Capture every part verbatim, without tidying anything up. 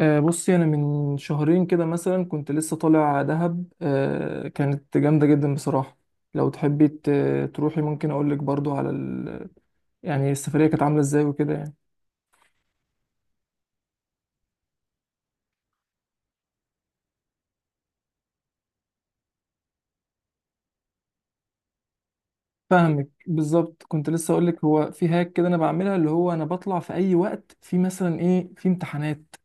آه، بصي انا من شهرين كده مثلا كنت لسه طالع دهب. آه، كانت جامده جدا بصراحه. لو تحبي ت- تروحي ممكن اقول لك برضو على ال... يعني السفريه كانت عامله ازاي وكده يعني. فاهمك بالظبط، كنت لسه اقول لك هو في هاك كده، انا بعملها اللي هو انا بطلع في اي وقت، في مثلا ايه، في امتحانات.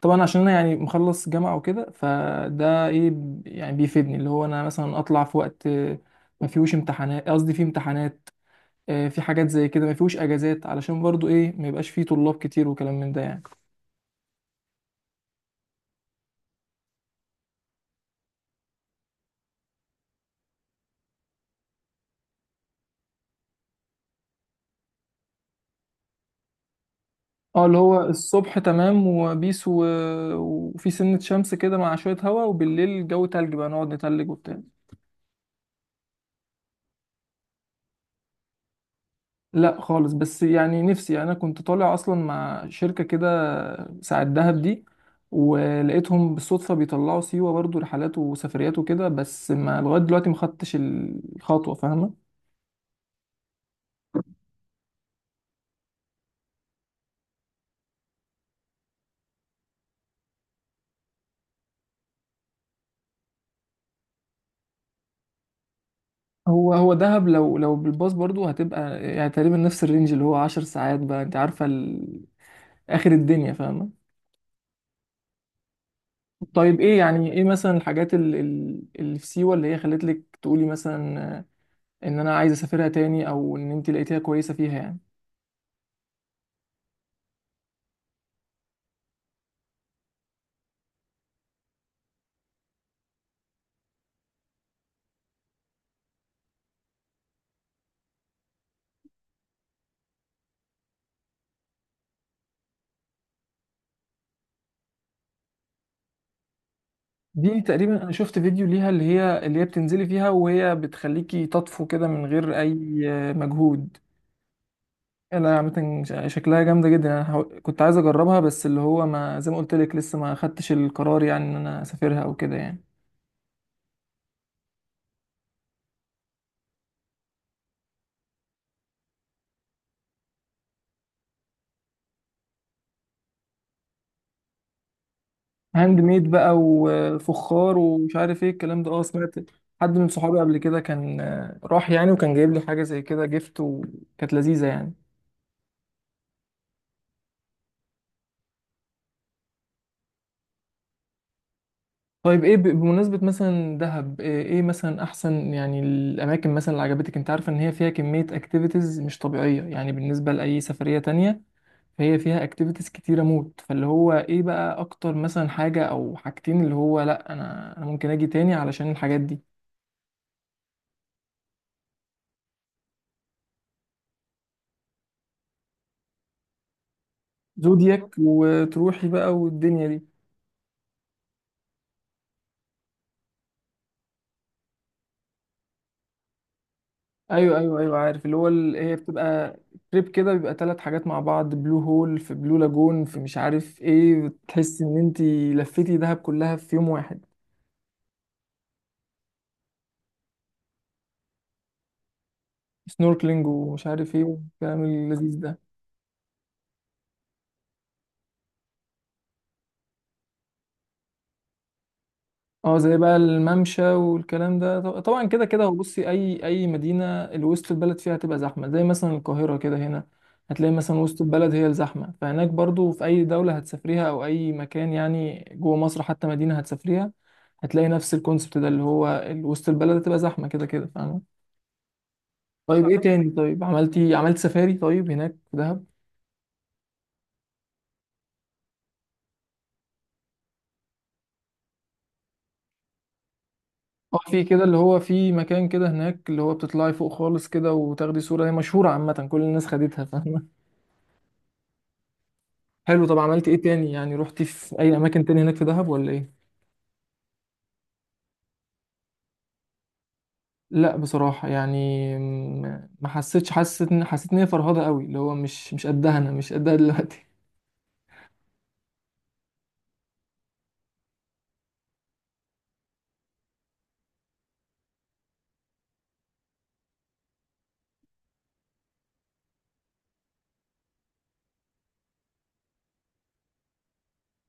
طبعا عشان انا يعني مخلص جامعه وكده، فده ايه، يعني بيفيدني اللي هو انا مثلا اطلع في وقت آه، ما فيهوش امتحانات، قصدي في امتحانات. آه، في حاجات زي كده ما فيهوش اجازات، علشان برضو ايه، ما يبقاش فيه طلاب كتير وكلام من ده يعني. اه، اللي هو الصبح تمام وبيس و... وفي سنة شمس كده مع شوية هوا، وبالليل جو تلج بقى، نقعد نتلج وبتاع. لا خالص، بس يعني نفسي، يعني انا كنت طالع اصلا مع شركة كده ساعة دهب دي، ولقيتهم بالصدفة بيطلعوا سيوة برضو رحلات وسفريات وكده، بس ما لغاية دلوقتي ما خدتش الخطوة فاهمة. هو هو دهب لو لو بالباص برضو هتبقى يعني تقريبا نفس الرينج، اللي هو عشر ساعات بقى، انت عارفة ال... آخر الدنيا فاهمة. طيب ايه يعني، ايه مثلا الحاجات ال- ال- اللي في سيوة اللي هي خلت لك تقولي مثلا آه، ان انا عايزة اسافرها تاني، او ان انت لقيتيها كويسة فيها يعني. دي تقريبا انا شفت فيديو ليها، اللي هي اللي هي بتنزلي فيها، وهي بتخليكي تطفو كده من غير اي آه، مجهود. لا عامة ش- شكلها جامدة جدا، أنا حاول- كنت عايز أجربها، بس اللي هو، ما زي ما قلت لك، لسه ما خدتش القرار يعني، إن أنا أسافرها أو كده يعني. هاند ميد بقى، وفخار، ومش عارف إيه الكلام ده. أه سمعت حد من صحابي قبل كده كان آه، راح يعني، وكان جايب لي حاجة زي كده جيفت، وكانت لذيذة يعني. طيب إيه ب- بمناسبة مثلا دهب، إيه إيه مثلا أحسن يعني الأماكن مثلا اللي عجبتك؟ أنت عارفة إن هي فيها كمية أكتيفيتيز مش طبيعية، يعني بالنسبة لأي سفرية تانية هي فيها اكتيفيتيز كتيرة موت، فاللي هو ايه بقى اكتر مثلا حاجة او حاجتين، اللي هو لا انا انا ممكن اجي تاني علشان الحاجات دي. زودياك وتروحي بقى والدنيا دي. ايوه ايوه ايوه، عارف اللي هو ال- هي بتبقى تريب كده، بيبقى ثلاث حاجات مع بعض، بلو هول في بلو لاجون في مش عارف ايه، بتحس ان انت لفيتي دهب كلها في يوم واحد. سنوركلينج ومش عارف ايه والكلام اللذيذ ده. اه زي بقى الممشى والكلام ده. ط- طبعا كده كده هو، بصي اي اي مدينه الوسط البلد فيها هتبقى زحمه، زي مثلا القاهره كده هنا، هتلاقي مثلا وسط البلد هي الزحمه، فهناك برضو في اي دوله هتسافريها، او اي مكان يعني جوه مصر حتى، مدينه هتسافريها هتلاقي نفس الكونسبت ده، اللي هو ال- وسط البلد هتبقى زحمه كده كده فاهمه. طيب ايه تاني، طيب عملتي، عملت سفاري طيب هناك في دهب؟ اه في كده اللي هو، في مكان كده هناك اللي هو بتطلعي فوق خالص كده، وتاخدي صوره هي مشهوره، عامه كل الناس خدتها فاهمه. حلو، طب عملت ايه تاني يعني، رحتي في اي اماكن تاني هناك في دهب ولا ايه؟ لا بصراحه يعني، م- ما حسيتش حسيت ان، حسيت ان هي فرهضه قوي، اللي هو مش مش قدها، انا مش قدها دلوقتي.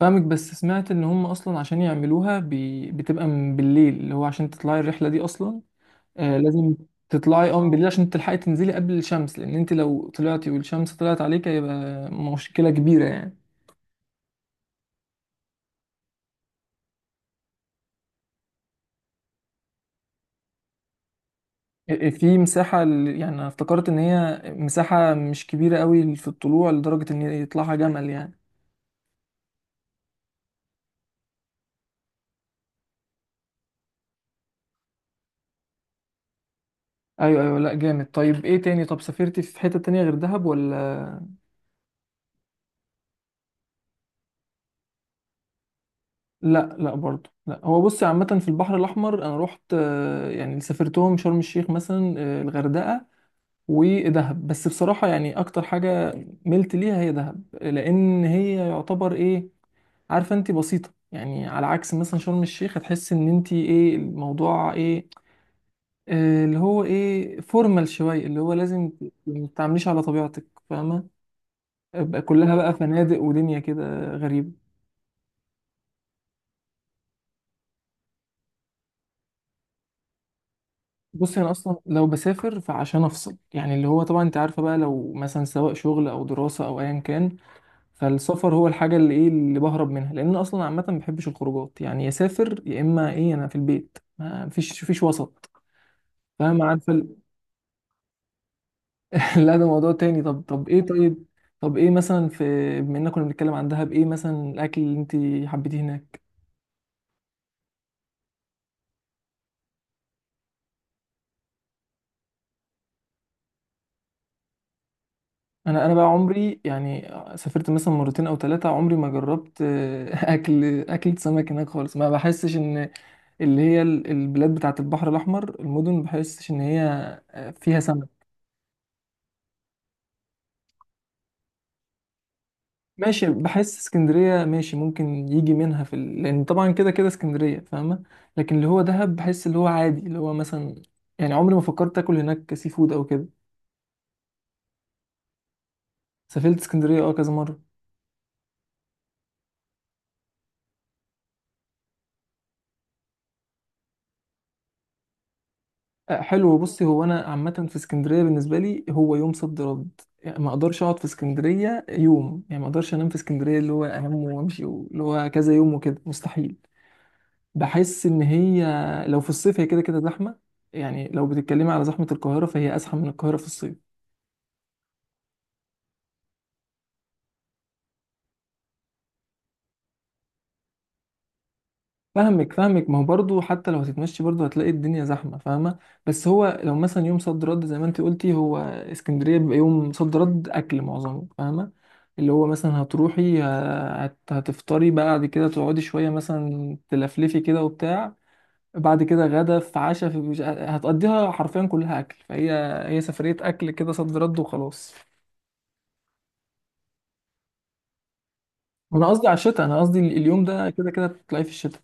فاهمك، بس سمعت ان هم اصلا عشان يعملوها بي... بتبقى من بالليل، اللي هو عشان تطلعي الرحله دي اصلا آه لازم تطلعي اه من بالليل، عشان تلحقي تنزلي قبل الشمس، لان انت لو طلعتي والشمس طلعت عليك هيبقى مشكله كبيره يعني. في مساحة ال- يعني أنا افتكرت إن هي مساحة مش كبيرة قوي في الطلوع لدرجة إن يطلعها جمل يعني. أيوه أيوه، لأ جامد. طيب إيه تاني، طب سافرتي في حتة تانية غير دهب ولا؟ لأ لأ برضه لأ، هو بصي عامة في البحر الأحمر أنا روحت آه، يعني اللي سافرتهم شرم الشيخ مثلا، آه، الغردقة ودهب. بس بصراحة يعني أكتر حاجة ملت ليها هي دهب، لأن هي يعتبر إيه، عارفة أنت، بسيطة يعني، على عكس مثلا شرم الشيخ هتحس إن أنت إيه الموضوع إيه آه، اللي هو ايه، فورمال شويه، اللي هو لازم ت- ما تعمليش على طبيعتك فاهمه. أبقى كلها بقى فنادق ودنيا كده غريبه. بصي انا اصلا لو بسافر فعشان افصل يعني، اللي هو طبعا انت عارفه بقى، لو مثلا سواء شغل او دراسه او ايا كان، فالسفر هو الحاجه اللي ايه اللي بهرب منها، لان اصلا عامه ما بحبش الخروجات يعني، يا سافر يا اما ايه، انا في البيت، ما فيش فيش وسط فاهمه عارفه. لا ده موضوع تاني. طب طب ايه، طيب طب ايه مثلا في، بما اننا كنا بنتكلم عن دهب، ايه مثلا الاكل اللي انت حبيتيه هناك؟ انا انا بقى عمري يعني سافرت مثلا مرتين او ثلاثه، عمري ما جربت آه، اكل اكل سمك هناك خالص. ما بحسش ان اللي هي ال- البلاد بتاعه البحر الاحمر، المدن، ما بحسش ان هي آه، فيها سمك. ماشي، بحس اسكندريه ماشي، ممكن يجي منها في ال... لان طبعا كده كده اسكندريه فاهمه، لكن اللي هو دهب بحس اللي هو عادي، اللي هو مثلا يعني عمري ما فكرت اكل هناك سي فود او كده. سافرت اسكندريه اه كذا مره. آه، حلو، بصي هو انا عامه في اسكندريه بالنسبه لي هو يوم صد رد يعني، ما اقدرش اقعد في اسكندريه يوم يعني، ما اقدرش انام في اسكندريه، اللي هو انام وامشي و- اللي هو كذا يوم وكده مستحيل. بحس ان هي، لو في الصيف هي كده كده زحمه، يعني لو بتتكلمي على زحمه القاهره، فهي ازحم من القاهره في الصيف. فاهمك فاهمك، ما هو برضه حتى لو هتتمشي برضه هتلاقي الدنيا زحمه فاهمه. بس هو لو مثلا يوم صد رد زي ما انت قلتي، هو اسكندريه بيبقى يوم صد رد اكل معظمه فاهمه، اللي هو مثلا هتروحي ه- هت- هتفطري بقى، بعد كده تقعدي شويه مثلا، تلفلفي كده وبتاع، بعد كده غدا، في عشاء، في مش- هتقضيها حرفيا كلها اكل، فهي هي سفريه اكل كده صد رد وخلاص. انا قصدي على الشتاء، انا قصدي اليوم ده كده كده تطلعي في الشتاء.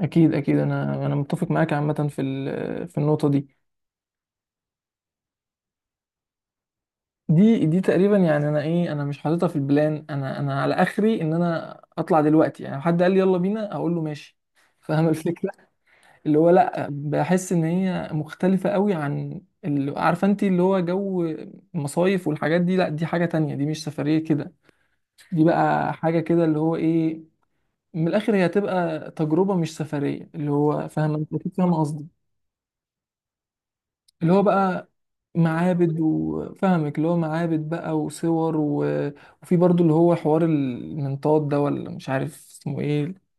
اكيد اكيد انا انا متفق معاك عامه في ال- في النقطه دي. دي دي تقريبا يعني انا ايه، انا مش حاططها في البلان، انا انا على اخري ان انا اطلع دلوقتي يعني، لو حد قال لي يلا بينا اقول له ماشي فاهم الفكره، اللي هو لا بحس ان هي مختلفه قوي عن اللي عارفه انت، اللي هو جو المصايف والحاجات دي، لا دي حاجه تانية، دي مش سفريه كده، دي بقى حاجه كده اللي هو ايه، من الاخر هي هتبقى تجربه مش سفريه، اللي هو فاهم انت اكيد فاهم. اللي هو بقى معابد، وفاهمك اللي هو معابد بقى وصور و... وفي برضو اللي هو حوار المنطاد ده، ولا مش عارف اسمه ايه.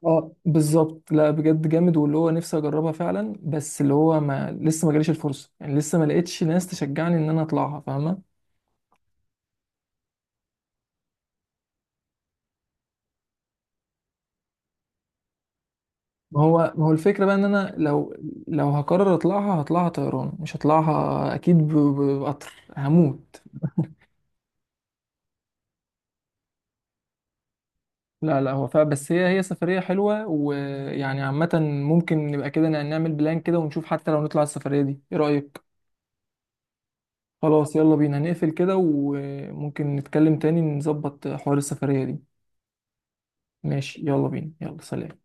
اه بالظبط، لا بجد جامد، واللي هو نفسي اجربها فعلا، بس اللي هو ما، لسه ما جاليش الفرصه يعني، لسه ما لقيتش ناس تشجعني ان انا اطلعها فاهمه. ما هو ما هو الفكره بقى ان انا لو، لو هقرر اطلعها هطلعها طيران، مش هطلعها اكيد، ب- ب- بقطر هموت. لا لا هو فا، بس هي هي سفرية حلوة ويعني عامة، ممكن نبقى كده ن- نعمل بلان كده ونشوف، حتى لو نطلع السفرية دي، ايه رأيك؟ خلاص يلا بينا نقفل كده، وممكن نتكلم تاني نظبط حوار السفرية دي. ماشي، يلا بينا، يلا سلام.